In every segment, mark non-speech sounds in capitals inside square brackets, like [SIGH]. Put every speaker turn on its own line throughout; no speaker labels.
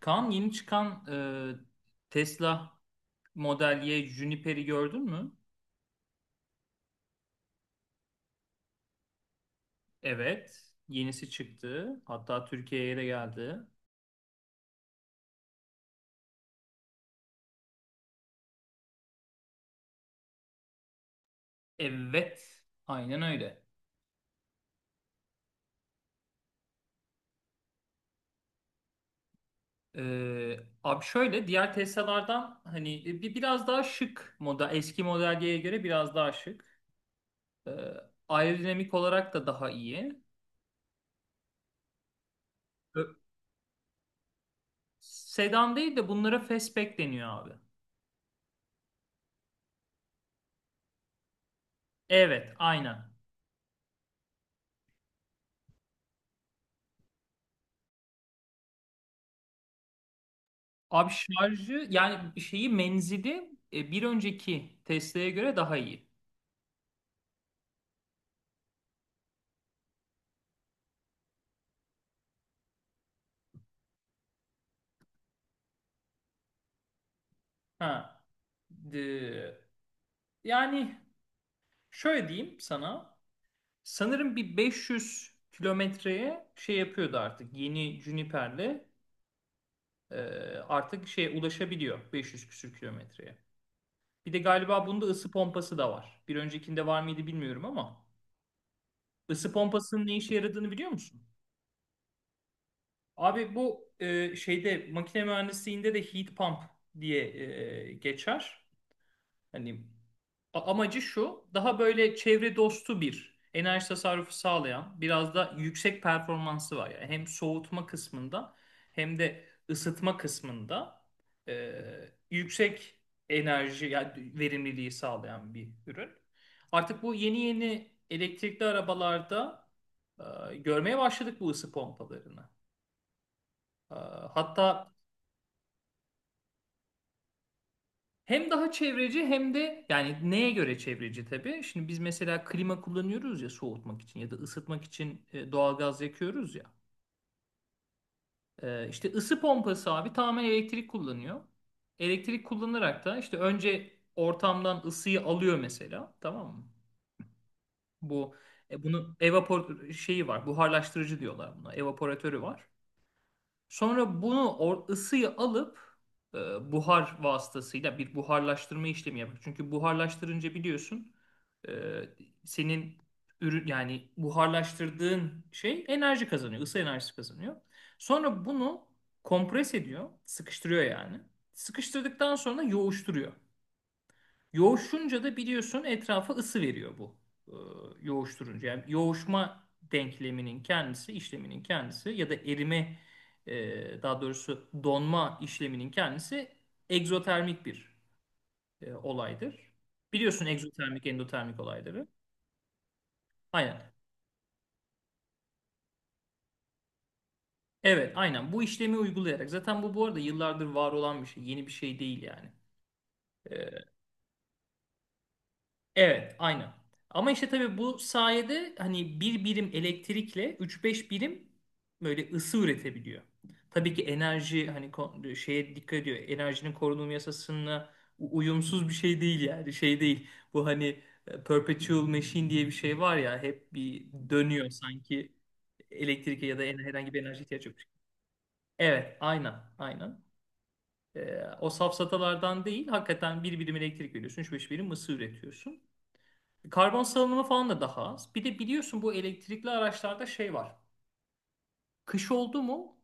Kaan yeni çıkan Tesla Model Y Juniper'i gördün mü? Evet. Yenisi çıktı. Hatta Türkiye'ye de geldi. Evet. Aynen öyle. E, Abi şöyle, diğer Tesla'lardan hani biraz daha şık model. Eski Model Y'ye göre biraz daha şık. E, Aerodinamik olarak da daha iyi. Ö- Sedan değil de bunlara fastback deniyor abi. Evet. Aynen. Abi şarjı yani şeyi, menzili bir önceki Tesla'ya göre daha iyi. Ha. de- yani Şöyle diyeyim sana. Sanırım bir 500 kilometreye şey yapıyordu artık. Yeni Juniper'le e, artık şeye ulaşabiliyor, 500 küsür kilometreye. Bir de galiba bunda ısı pompası da var. Bir öncekinde var mıydı bilmiyorum ama ısı pompasının ne işe yaradığını biliyor musun? Abi bu şeyde, makine mühendisliğinde de heat pump diye geçer. Hani amacı şu: daha böyle çevre dostu, bir enerji tasarrufu sağlayan, biraz da yüksek performansı var. Yani hem soğutma kısmında hem de ısıtma kısmında e, yüksek enerji yani verimliliği sağlayan bir ürün. Artık bu yeni yeni elektrikli arabalarda görmeye başladık bu ısı pompalarını. Ee, Hatta. Hem daha çevreci hem de yani neye göre çevreci tabii. Şimdi biz mesela klima kullanıyoruz ya soğutmak için, ya da ısıtmak için doğalgaz yakıyoruz ya. İşte ısı pompası abi tamamen elektrik kullanıyor. Elektrik kullanarak da işte önce ortamdan ısıyı alıyor mesela, tamam mı? Bu bunu, evapor şeyi var, buharlaştırıcı diyorlar buna, evaporatörü var. Sonra bunu ısıyı alıp buhar vasıtasıyla bir buharlaştırma işlemi yapar. Çünkü buharlaştırınca biliyorsun e, senin ürün yani buharlaştırdığın şey enerji kazanıyor, ısı enerjisi kazanıyor. Sonra bunu kompres ediyor, sıkıştırıyor yani. Sıkıştırdıktan sonra yoğuşturuyor. Yoğuşunca da biliyorsun etrafa ısı veriyor bu e, yoğuşturunca. Yani yoğuşma denkleminin kendisi, işleminin kendisi ya da erime, daha doğrusu donma işleminin kendisi egzotermik bir olaydır. Biliyorsun egzotermik, endotermik olayları. Aynen. Evet, aynen. Bu işlemi uygulayarak. Zaten bu arada yıllardır var olan bir şey. Yeni bir şey değil yani. E, Evet, aynı. Ama işte tabii bu sayede hani bir birim elektrikle üç beş birim böyle ısı üretebiliyor. Tabii ki enerji hani şeye dikkat ediyor. Enerjinin korunum yasasına uyumsuz bir şey değil yani. Şey değil. Bu hani perpetual machine diye bir şey var ya, hep bir dönüyor sanki elektrike ya da herhangi bir enerji ihtiyacı yokmuş. Evet, aynen, aynen. O safsatalardan değil, hakikaten bir birim elektrik veriyorsun, üç beş birim ısı üretiyorsun. Karbon salınımı falan da daha az. Bir de biliyorsun bu elektrikli araçlarda şey var. Kış oldu mu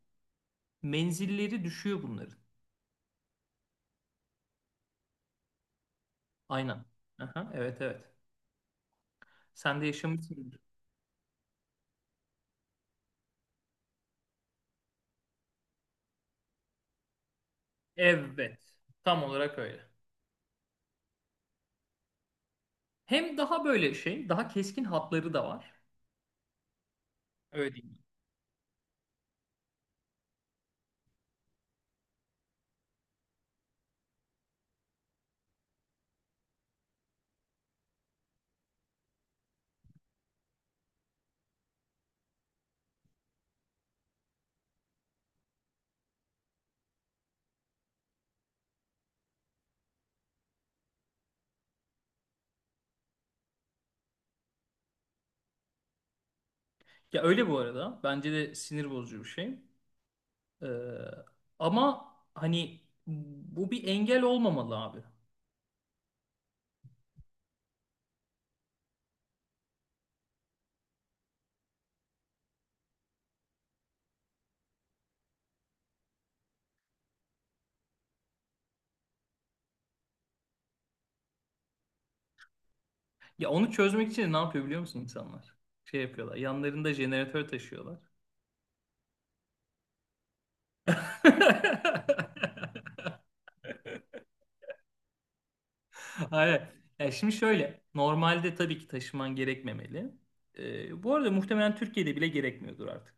menzilleri düşüyor bunların. Aynen. Aha, evet evet. Sen de yaşamışsındır. Evet. Tam olarak öyle. Hem daha böyle şey, daha keskin hatları da var. Öyle değil mi? Ya öyle bu arada. Bence de sinir bozucu bir şey. Ee, ama hani bu bir engel olmamalı abi. Ya onu çözmek için ne yapıyor, biliyor musun insanlar? Şey yapıyorlar. Yanlarında jeneratör taşıyorlar. [LAUGHS] Hayır. Ya şimdi şöyle. Normalde tabii ki taşıman gerekmemeli. Bu arada muhtemelen Türkiye'de bile gerekmiyordur artık.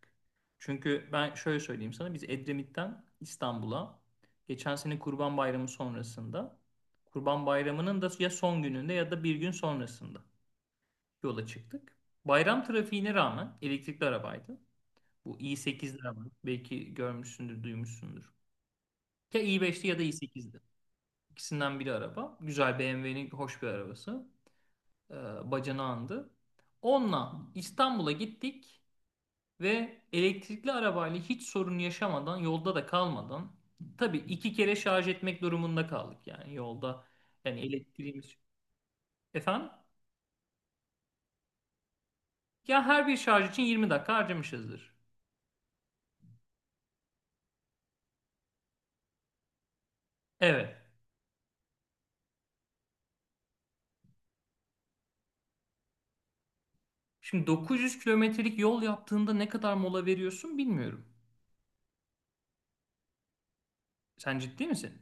Çünkü ben şöyle söyleyeyim sana. Biz Edremit'ten İstanbul'a geçen sene Kurban Bayramı sonrasında, Kurban Bayramı'nın da ya son gününde ya da bir gün sonrasında yola çıktık. Bayram trafiğine rağmen elektrikli arabaydı. Bu i8'ler var. Belki görmüşsündür, duymuşsundur. Ya i5'ti ya da i8'di. İkisinden biri araba. Güzel, BMW'nin hoş bir arabası. Bacanağındı. Onunla İstanbul'a gittik ve elektrikli arabayla hiç sorun yaşamadan, yolda da kalmadan, tabii iki kere şarj etmek durumunda kaldık yani yolda. Yani elektriğimiz. Efendim? Ya her bir şarj için 20 dakika harcamışızdır. Evet. Şimdi dokuz yüz kilometrelik yol yaptığında ne kadar mola veriyorsun bilmiyorum. Sen ciddi misin?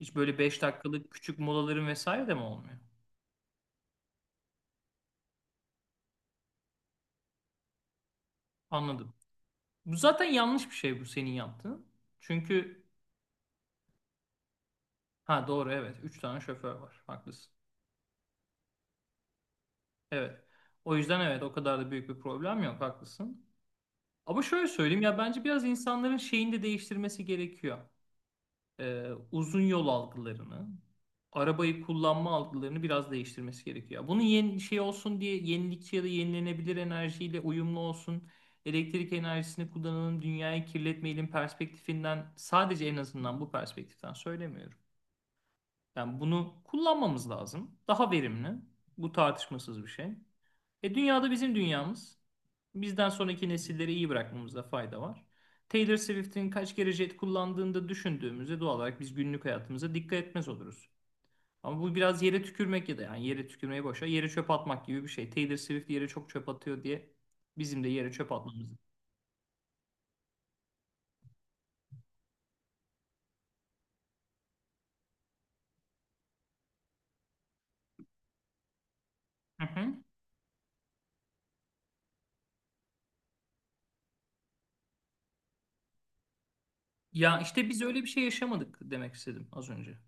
Hiç böyle 5 dakikalık küçük molaların vesaire de mi olmuyor? Anladım. Bu zaten yanlış bir şey, bu senin yaptığın. Çünkü ha, doğru, evet, 3 tane şoför var. Haklısın. Evet. O yüzden evet, o kadar da büyük bir problem yok. Haklısın. Ama şöyle söyleyeyim ya, bence biraz insanların şeyini de değiştirmesi gerekiyor. Uzun yol algılarını, arabayı kullanma algılarını biraz değiştirmesi gerekiyor. Bunun yeni şey olsun diye, yenilikçi ya da yenilenebilir enerjiyle uyumlu olsun. Elektrik enerjisini kullanalım, dünyayı kirletmeyelim perspektifinden sadece, en azından bu perspektiften söylemiyorum. Yani bunu kullanmamız lazım. Daha verimli. Bu tartışmasız bir şey. E dünyada, bizim dünyamız. Bizden sonraki nesilleri iyi bırakmamızda fayda var. Taylor Swift'in kaç kere jet kullandığını da düşündüğümüzde doğal olarak biz günlük hayatımıza dikkat etmez oluruz. Ama bu biraz yere tükürmek ya da yani yere tükürmeyi, boşa yere çöp atmak gibi bir şey. Taylor Swift yere çok çöp atıyor diye bizim de yere çöp atmamız. Hı hı. Ya işte biz öyle bir şey yaşamadık demek istedim az önce.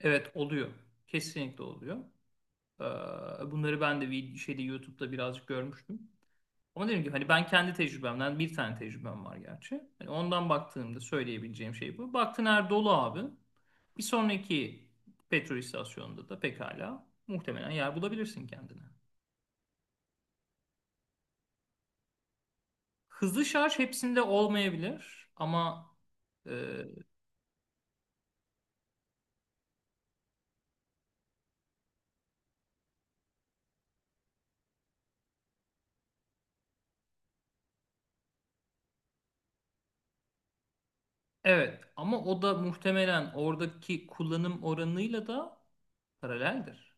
Evet oluyor. Kesinlikle oluyor. Ee, Bunları ben de şeyde, YouTube'da birazcık görmüştüm. Ama dedim ki hani ben kendi tecrübemden, bir tane tecrübem var gerçi. Hani ondan baktığımda söyleyebileceğim şey bu. Baktın her dolu abi. Bir sonraki petrol istasyonunda da pekala muhtemelen yer bulabilirsin kendine. Hızlı şarj hepsinde olmayabilir ama e, evet, ama o da muhtemelen oradaki kullanım oranıyla da paraleldir.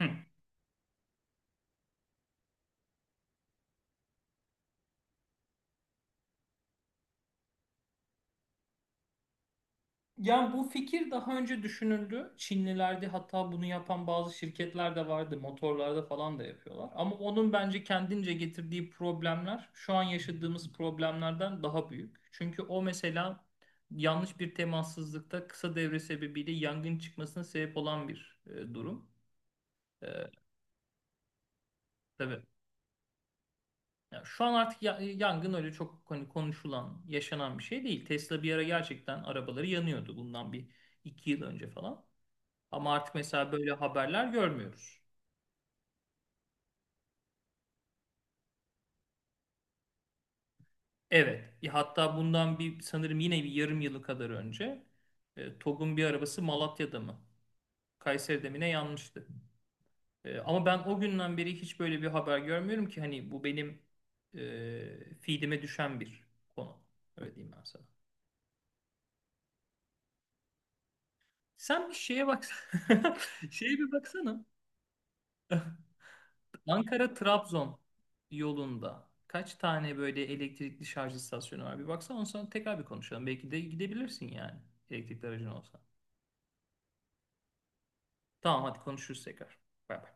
Hı. Yani bu fikir daha önce düşünüldü. Çinlilerde hatta bunu yapan bazı şirketler de vardı. Motorlarda falan da yapıyorlar. Ama onun bence kendince getirdiği problemler şu an yaşadığımız problemlerden daha büyük. Çünkü o mesela yanlış bir temassızlıkta, kısa devre sebebiyle yangın çıkmasına sebep olan bir durum. E, tabii. Ya şu an artık yangın öyle çok hani konuşulan, yaşanan bir şey değil. Tesla bir ara gerçekten arabaları yanıyordu bundan bir iki yıl önce falan. Ama artık mesela böyle haberler görmüyoruz. Evet. Hatta bundan bir sanırım, yine bir yarım yılı kadar önce TOG'un bir arabası Malatya'da mı, Kayseri'de mi ne yanmıştı. Ama ben o günden beri hiç böyle bir haber görmüyorum ki, hani bu benim feedime düşen bir konu. Öyle diyeyim ben sana. Sen bir şeye baksana. [LAUGHS] Şeye bir baksana. Ankara-Trabzon yolunda kaç tane böyle elektrikli şarj istasyonu var? Bir baksana, ondan sonra tekrar bir konuşalım. Belki de gidebilirsin yani, elektrikli aracın olsa. Tamam, hadi konuşuruz tekrar. Bay bay.